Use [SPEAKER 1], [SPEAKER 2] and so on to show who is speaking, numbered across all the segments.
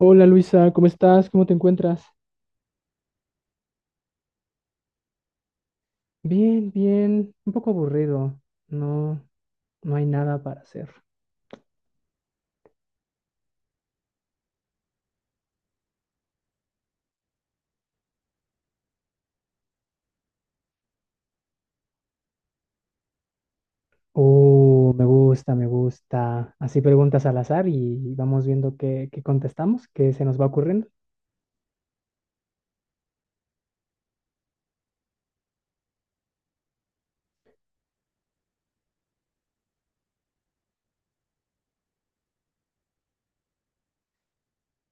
[SPEAKER 1] Hola Luisa, ¿cómo estás? ¿Cómo te encuentras? Bien, bien, un poco aburrido. No, no hay nada para hacer. Oh, me gusta, me gusta. Así preguntas al azar y vamos viendo qué contestamos, qué se nos va ocurriendo.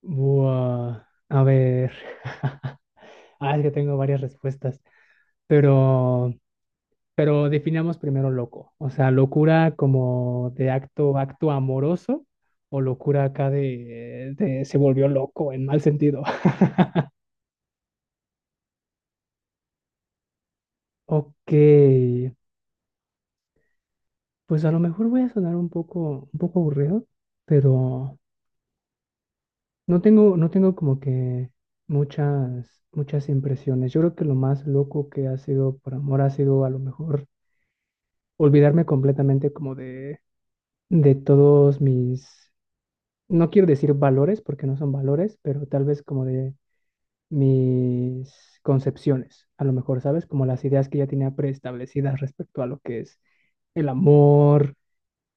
[SPEAKER 1] Buah, a ver. Ah, es que tengo varias respuestas. Pero, pero definamos primero loco. O sea, locura como de acto, acto amoroso o locura acá de se volvió loco en mal sentido. Ok, pues a lo mejor voy a sonar un poco aburrido, pero no tengo como que muchas, muchas impresiones. Yo creo que lo más loco que ha sido por amor ha sido a lo mejor olvidarme completamente como de todos mis no quiero decir valores porque no son valores, pero tal vez como de mis concepciones, a lo mejor, ¿sabes? Como las ideas que ya tenía preestablecidas respecto a lo que es el amor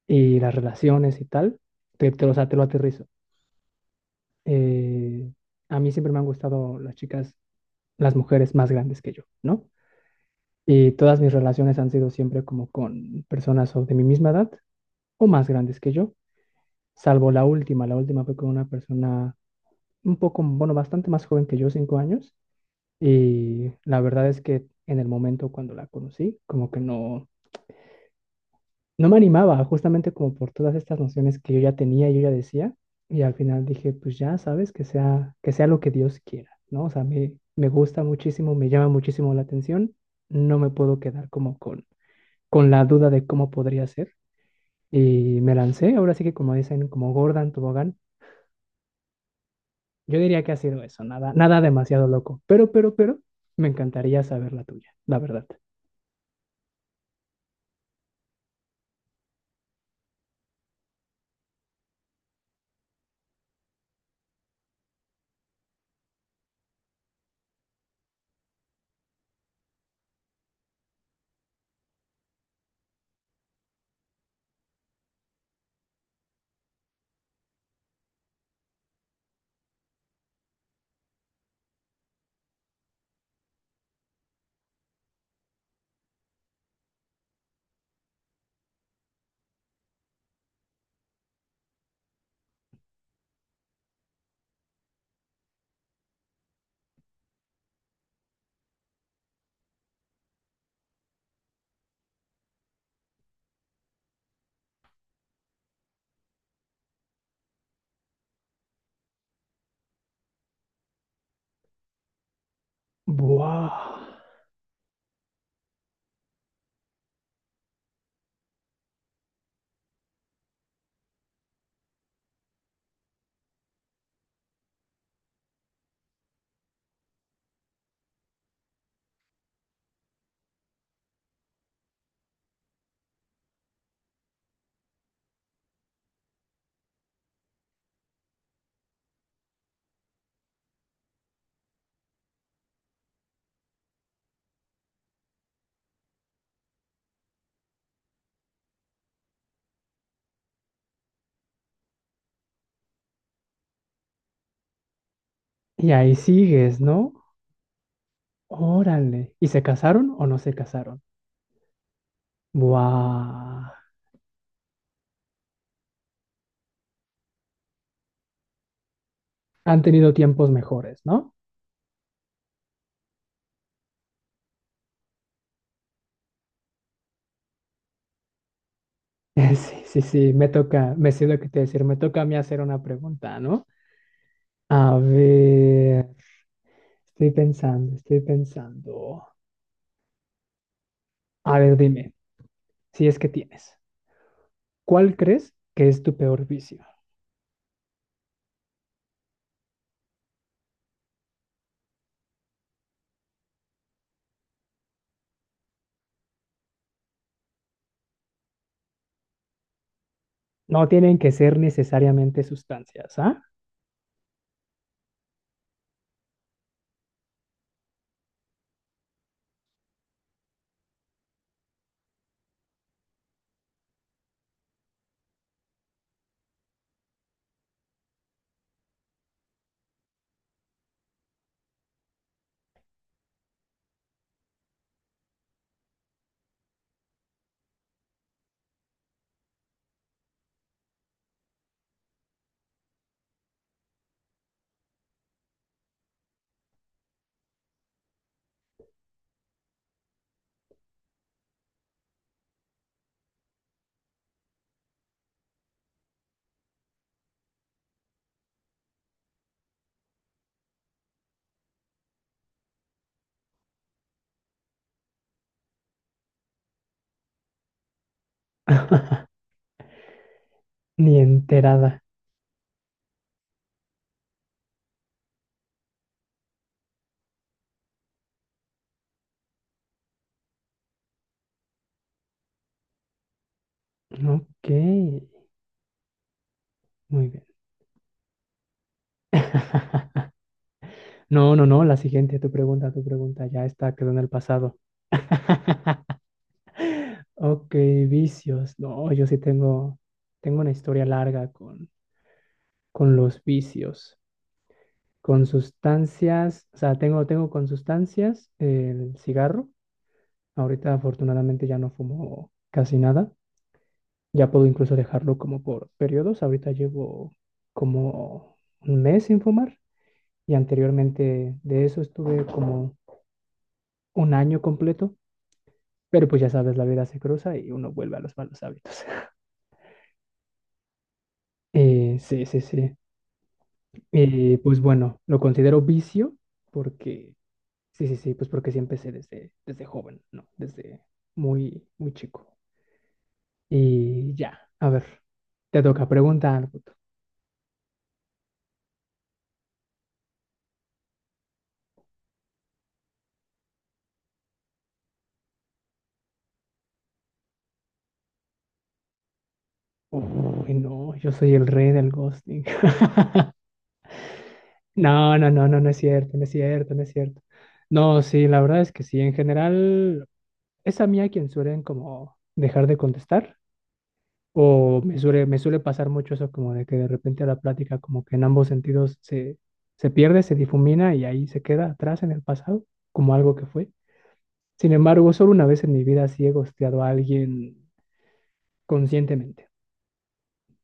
[SPEAKER 1] y las relaciones y tal, o sea, te lo aterrizo. Eh, a mí siempre me han gustado las chicas, las mujeres más grandes que yo, ¿no? Y todas mis relaciones han sido siempre como con personas o de mi misma edad o más grandes que yo, salvo la última. La última fue con una persona un poco, bueno, bastante más joven que yo, 5 años, y la verdad es que en el momento cuando la conocí, como que no, me animaba, justamente como por todas estas nociones que yo ya tenía y yo ya decía, y al final dije, pues ya sabes, que sea lo que Dios quiera, ¿no? O sea, me gusta muchísimo, me llama muchísimo la atención, no me puedo quedar como con la duda de cómo podría ser, y me lancé, ahora sí que como dicen, como Gordon Tobogán. Yo diría que ha sido eso, nada, nada demasiado loco. Pero, me encantaría saber la tuya, la verdad. Buah. Y ahí sigues, ¿no? Órale. ¿Y se casaron o no se casaron? Buah. Han tenido tiempos mejores, ¿no? Sí, sí, sí, me toca, me sé lo que te decir, me toca a mí hacer una pregunta, ¿no? A ver, estoy pensando, estoy pensando. A ver, dime, si es que tienes, ¿cuál crees que es tu peor vicio? No tienen que ser necesariamente sustancias, ¿ah? Ni enterada. Ok, muy bien. No, no, no, la siguiente, tu pregunta, ya está, quedó en el pasado. Ok, vicios. No, yo sí tengo, tengo, una historia larga con los vicios. Con sustancias, o sea, tengo con sustancias el cigarro. Ahorita afortunadamente ya no fumo casi nada. Ya puedo incluso dejarlo como por periodos. Ahorita llevo como un mes sin fumar y anteriormente de eso estuve como un año completo. Pero pues ya sabes, la vida se cruza y uno vuelve a los malos hábitos. Sí, sí, sí. Y pues bueno, lo considero vicio porque, sí, sí, sí, pues porque sí empecé desde joven, ¿no? Desde muy, muy chico. Y ya, a ver, te toca preguntar algo tú. Uy, no, yo soy el rey del ghosting. No, no, no, no, no es cierto, no es cierto, no es cierto. No, sí, la verdad es que sí, en general es a mí a quien suelen como dejar de contestar o me suele pasar mucho eso como de que de repente la plática como que en ambos sentidos se pierde, se difumina y ahí se queda atrás en el pasado como algo que fue. Sin embargo, solo una vez en mi vida sí he ghosteado a alguien conscientemente.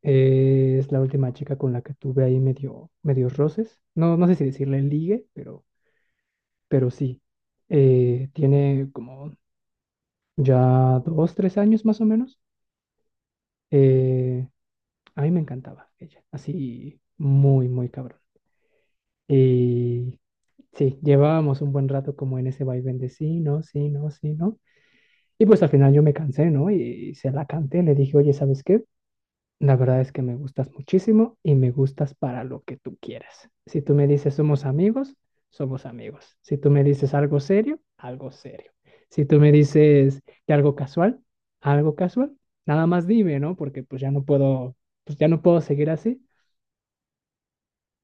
[SPEAKER 1] Es la última chica con la que tuve ahí medios roces. No, no sé si decirle ligue, pero sí, tiene como ya dos, tres años más o menos. Eh, a mí me encantaba ella, así muy, muy cabrón. Y sí, llevábamos un buen rato como en ese vaivén de sí, no, sí, no, sí, no. Y pues al final yo me cansé, ¿no? Y se la canté, le dije, oye, ¿sabes qué? La verdad es que me gustas muchísimo y me gustas para lo que tú quieras. Si tú me dices somos amigos, somos amigos. Si tú me dices algo serio, algo serio. Si tú me dices que algo casual, algo casual. Nada más dime, ¿no? Porque pues ya no puedo, pues ya no puedo seguir así.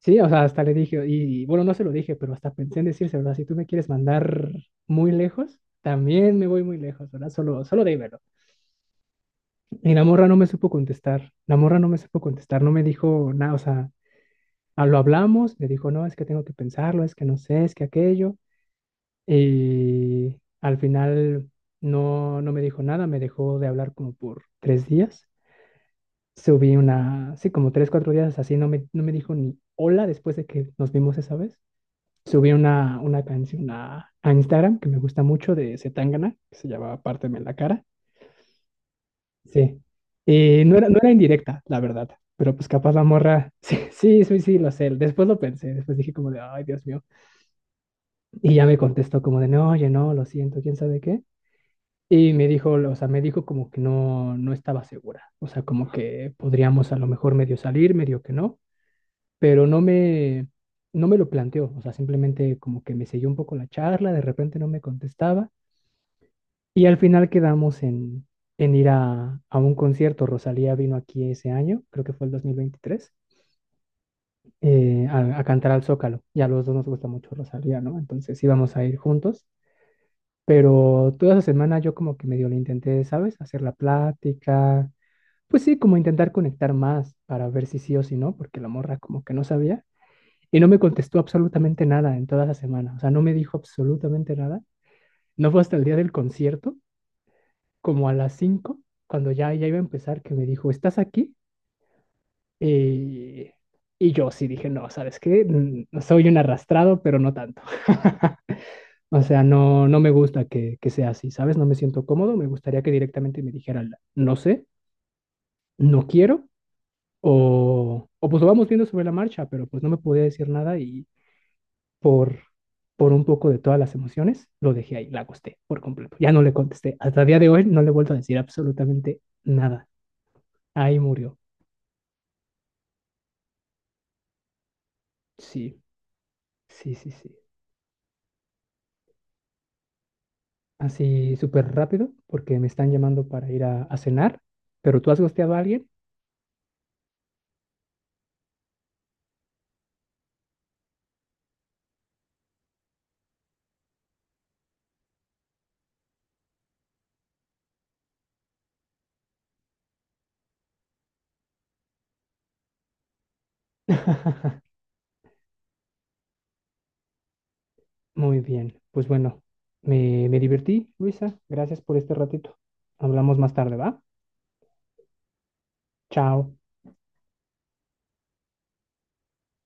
[SPEAKER 1] Sí, o sea, hasta le dije, bueno, no se lo dije, pero hasta pensé en decirse, ¿verdad? Si tú me quieres mandar muy lejos, también me voy muy lejos, ¿verdad? Solo dímelo. Y la morra no me supo contestar, la morra no me supo contestar, no me dijo nada, o sea, ah, lo hablamos, le dijo, no, es que tengo que pensarlo, es que no sé, es que aquello. Y al final no, me dijo nada, me dejó de hablar como por 3 días. Subí una, sí, como tres, cuatro días así, no me dijo ni hola después de que nos vimos esa vez. Subí una canción a Instagram que me gusta mucho de Zetangana, que se llama Párteme la cara. Sí. Y no era indirecta, la verdad. Pero pues capaz la morra, sí, sí, sí, sí, lo sé. Después lo pensé, después dije como de, ay, Dios mío. Y ya me contestó como de, no, oye, no, lo siento, quién sabe qué. Y me dijo, o sea, me dijo como que no, estaba segura. O sea, como que podríamos a lo mejor medio salir, medio que no, pero no me lo planteó. O sea, simplemente como que me selló un poco la charla, de repente no me contestaba. Y al final quedamos en ir a un concierto. Rosalía vino aquí ese año, creo que fue el 2023, a cantar al Zócalo. Y a los dos nos gusta mucho Rosalía, ¿no? Entonces íbamos a ir juntos. Pero toda esa semana yo como que medio le intenté, ¿sabes? Hacer la plática. Pues sí, como intentar conectar más para ver si sí o si no, porque la morra como que no sabía. Y no me contestó absolutamente nada en toda esa semana. O sea, no me dijo absolutamente nada. No fue hasta el día del concierto, como a las 5 cuando ya iba a empezar, que me dijo, ¿estás aquí? Eh, y yo sí dije, no, ¿sabes qué? Soy un arrastrado, pero no tanto. O sea, no, me gusta que sea así, ¿sabes? No me siento cómodo, me gustaría que directamente me dijeran, no sé, no quiero, o pues lo vamos viendo sobre la marcha, pero pues no me podía decir nada y por, por un poco de todas las emociones lo dejé ahí, la acosté por completo. Ya no le contesté, hasta el día de hoy no le he vuelto a decir absolutamente nada. Ahí murió. Sí, sí, sí, sí. Así súper rápido, porque me están llamando para ir a, cenar, pero tú has gosteado a alguien. Muy bien, pues bueno, me divertí, Luisa. Gracias por este ratito. Hablamos más tarde, ¿va? Chao.